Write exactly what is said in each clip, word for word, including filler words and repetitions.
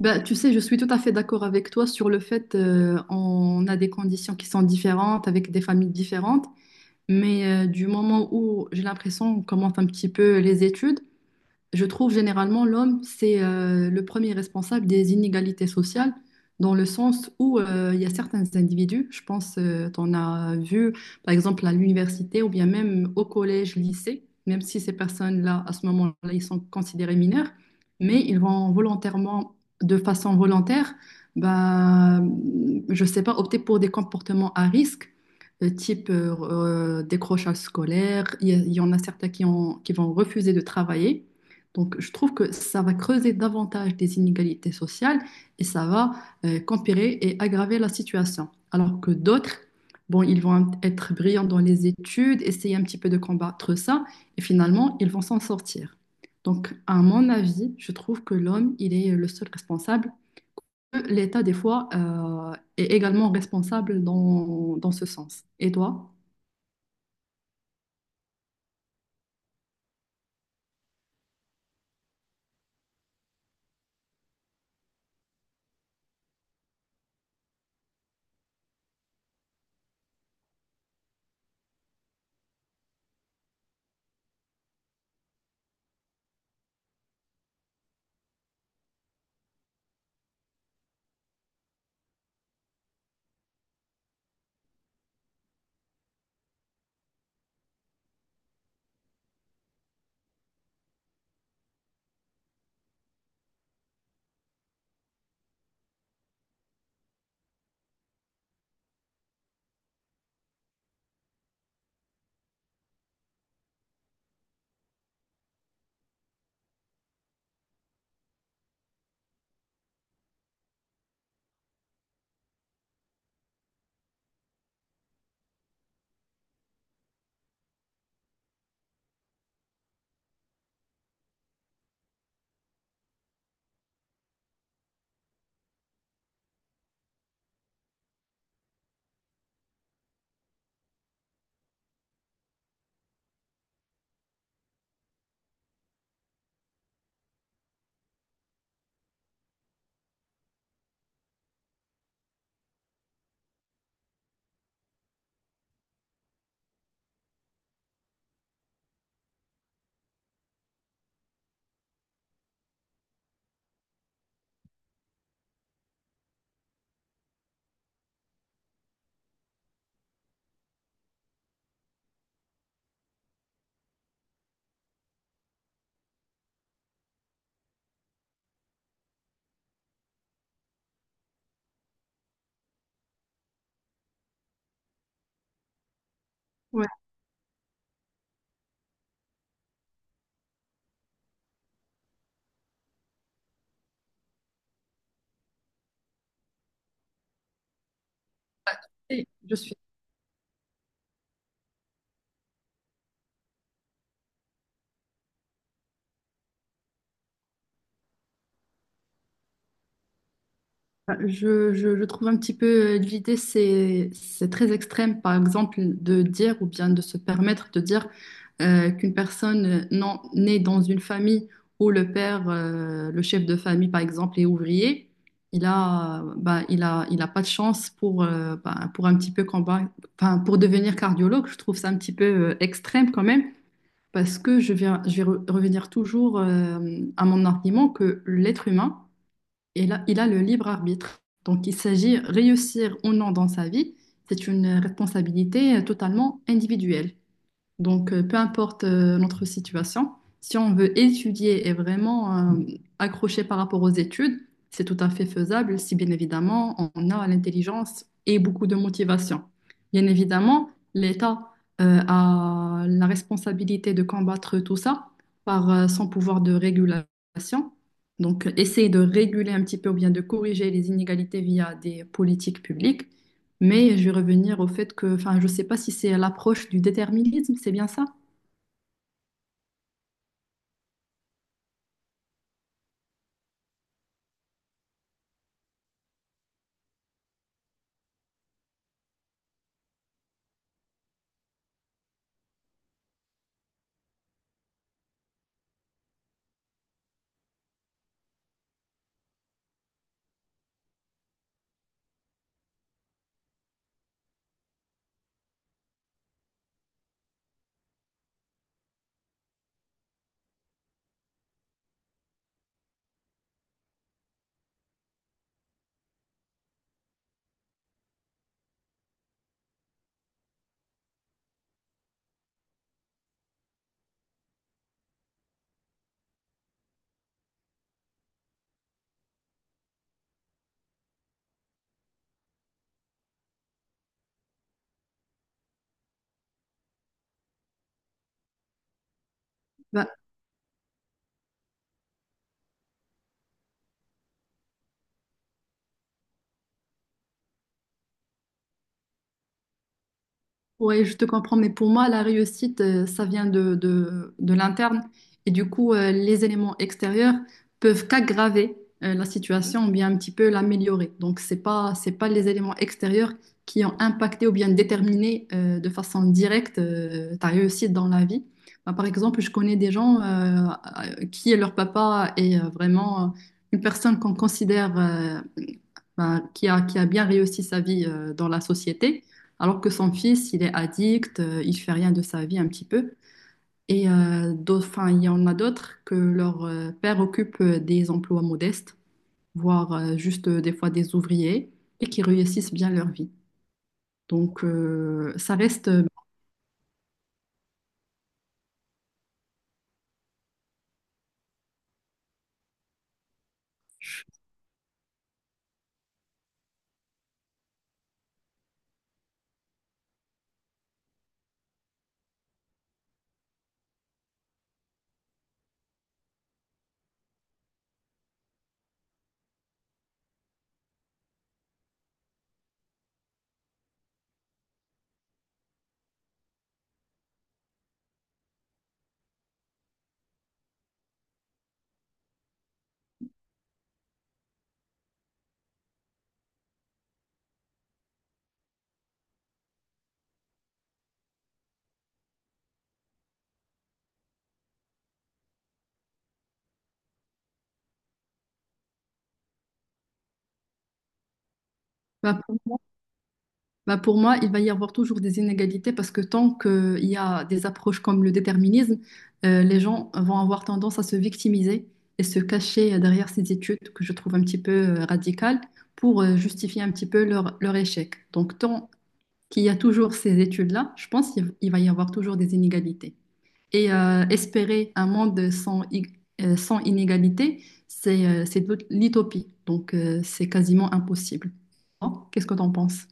Ben, tu sais, je suis tout à fait d'accord avec toi sur le fait euh, on a des conditions qui sont différentes avec des familles différentes, mais euh, du moment où j'ai l'impression on commence un petit peu les études, je trouve généralement l'homme, c'est euh, le premier responsable des inégalités sociales, dans le sens où euh, il y a certains individus, je pense, tu en as vu par exemple à l'université ou bien même au collège, lycée, même si ces personnes-là, à ce moment-là, ils sont considérés mineurs, mais ils vont volontairement, de façon volontaire, bah, je sais pas, opter pour des comportements à risque euh, type euh, euh, décrochage scolaire. Il y, a- il y en a certains qui, ont- qui vont refuser de travailler donc, je trouve que ça va creuser davantage des inégalités sociales et ça va euh, qu'empirer et aggraver la situation. Alors que d'autres, bon, ils vont être brillants dans les études, essayer un petit peu de combattre ça et finalement, ils vont s'en sortir. Donc, à mon avis, je trouve que l'homme, il est le seul responsable. L'État, des fois, euh, est également responsable dans, dans ce sens. Et toi? Et je suis. Enfin, Je, je, je trouve un petit peu euh, l'idée, c'est, c'est très extrême, par exemple, de dire ou bien de se permettre de dire euh, qu'une personne euh, non, née dans une famille où le père, euh, le chef de famille, par exemple, est ouvrier, il a, euh, bah, il a, il a pas de chance pour, euh, bah, pour un petit peu combat, enfin, pour devenir cardiologue. Je trouve ça un petit peu euh, extrême quand même, parce que je vais, je vais re- revenir toujours euh, à mon argument que l'être humain, et là, il a le libre arbitre. Donc, il s'agit réussir ou non dans sa vie, c'est une responsabilité totalement individuelle. Donc, euh, peu importe euh, notre situation, si on veut étudier et vraiment euh, accrocher par rapport aux études, c'est tout à fait faisable si bien évidemment on a l'intelligence et beaucoup de motivation. Bien évidemment, l'État euh, a la responsabilité de combattre tout ça par euh, son pouvoir de régulation. Donc, euh, essayer de réguler un petit peu ou bien de corriger les inégalités via des politiques publiques. Mais je vais revenir au fait que, enfin, je ne sais pas si c'est l'approche du déterminisme, c'est bien ça? Bah, oui, je te comprends, mais pour moi, la réussite, euh, ça vient de, de, de l'interne. Et du coup, euh, les éléments extérieurs peuvent qu'aggraver euh, la situation ou bien un petit peu l'améliorer. Donc, c'est pas, c'est pas les éléments extérieurs qui ont impacté ou bien déterminé euh, de façon directe euh, ta réussite dans la vie. Bah, par exemple, je connais des gens euh, qui, leur papa est euh, vraiment euh, une personne qu'on considère euh, ben, qui a, qui a bien réussi sa vie euh, dans la société, alors que son fils, il est addict, euh, il fait rien de sa vie un petit peu. Et euh, d'autres, enfin, il y en a d'autres que leur euh, père occupe euh, des emplois modestes, voire euh, juste euh, des fois des ouvriers, et qui réussissent bien leur vie. Donc euh, ça reste, euh, ben, Bah, pour moi, il va y avoir toujours des inégalités parce que tant qu'il y a des approches comme le déterminisme, euh, les gens vont avoir tendance à se victimiser et se cacher derrière ces études que je trouve un petit peu euh, radicales pour euh, justifier un petit peu leur, leur échec. Donc, tant qu'il y a toujours ces études-là, je pense qu'il il va y avoir toujours des inégalités. Et euh, espérer un monde sans, i- euh, sans inégalités, c'est euh, c'est de l'utopie. Donc, euh, c'est quasiment impossible. Bon, qu'est-ce que tu en penses?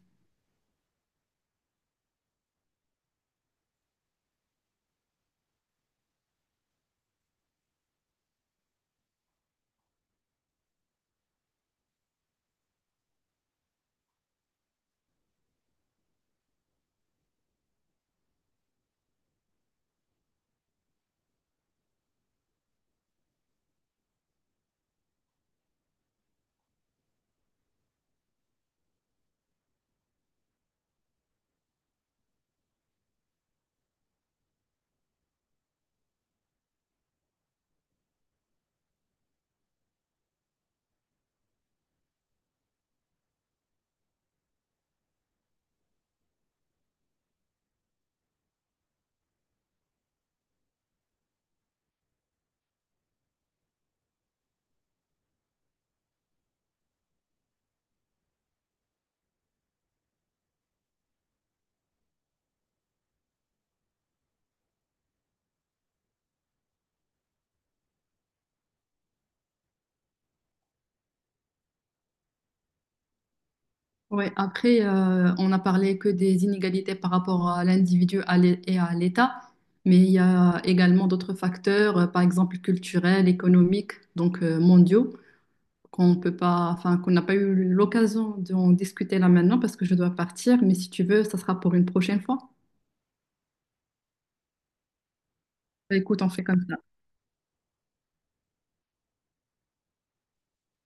Ouais, après, euh, on a parlé que des inégalités par rapport à l'individu à l'é- et à l'État, mais il y a également d'autres facteurs, euh, par exemple culturels, économiques, donc euh, mondiaux, qu'on peut pas, enfin, qu'on n'a pas eu l'occasion d'en discuter là maintenant parce que je dois partir, mais si tu veux, ça sera pour une prochaine fois. Bah, écoute, on fait comme ça.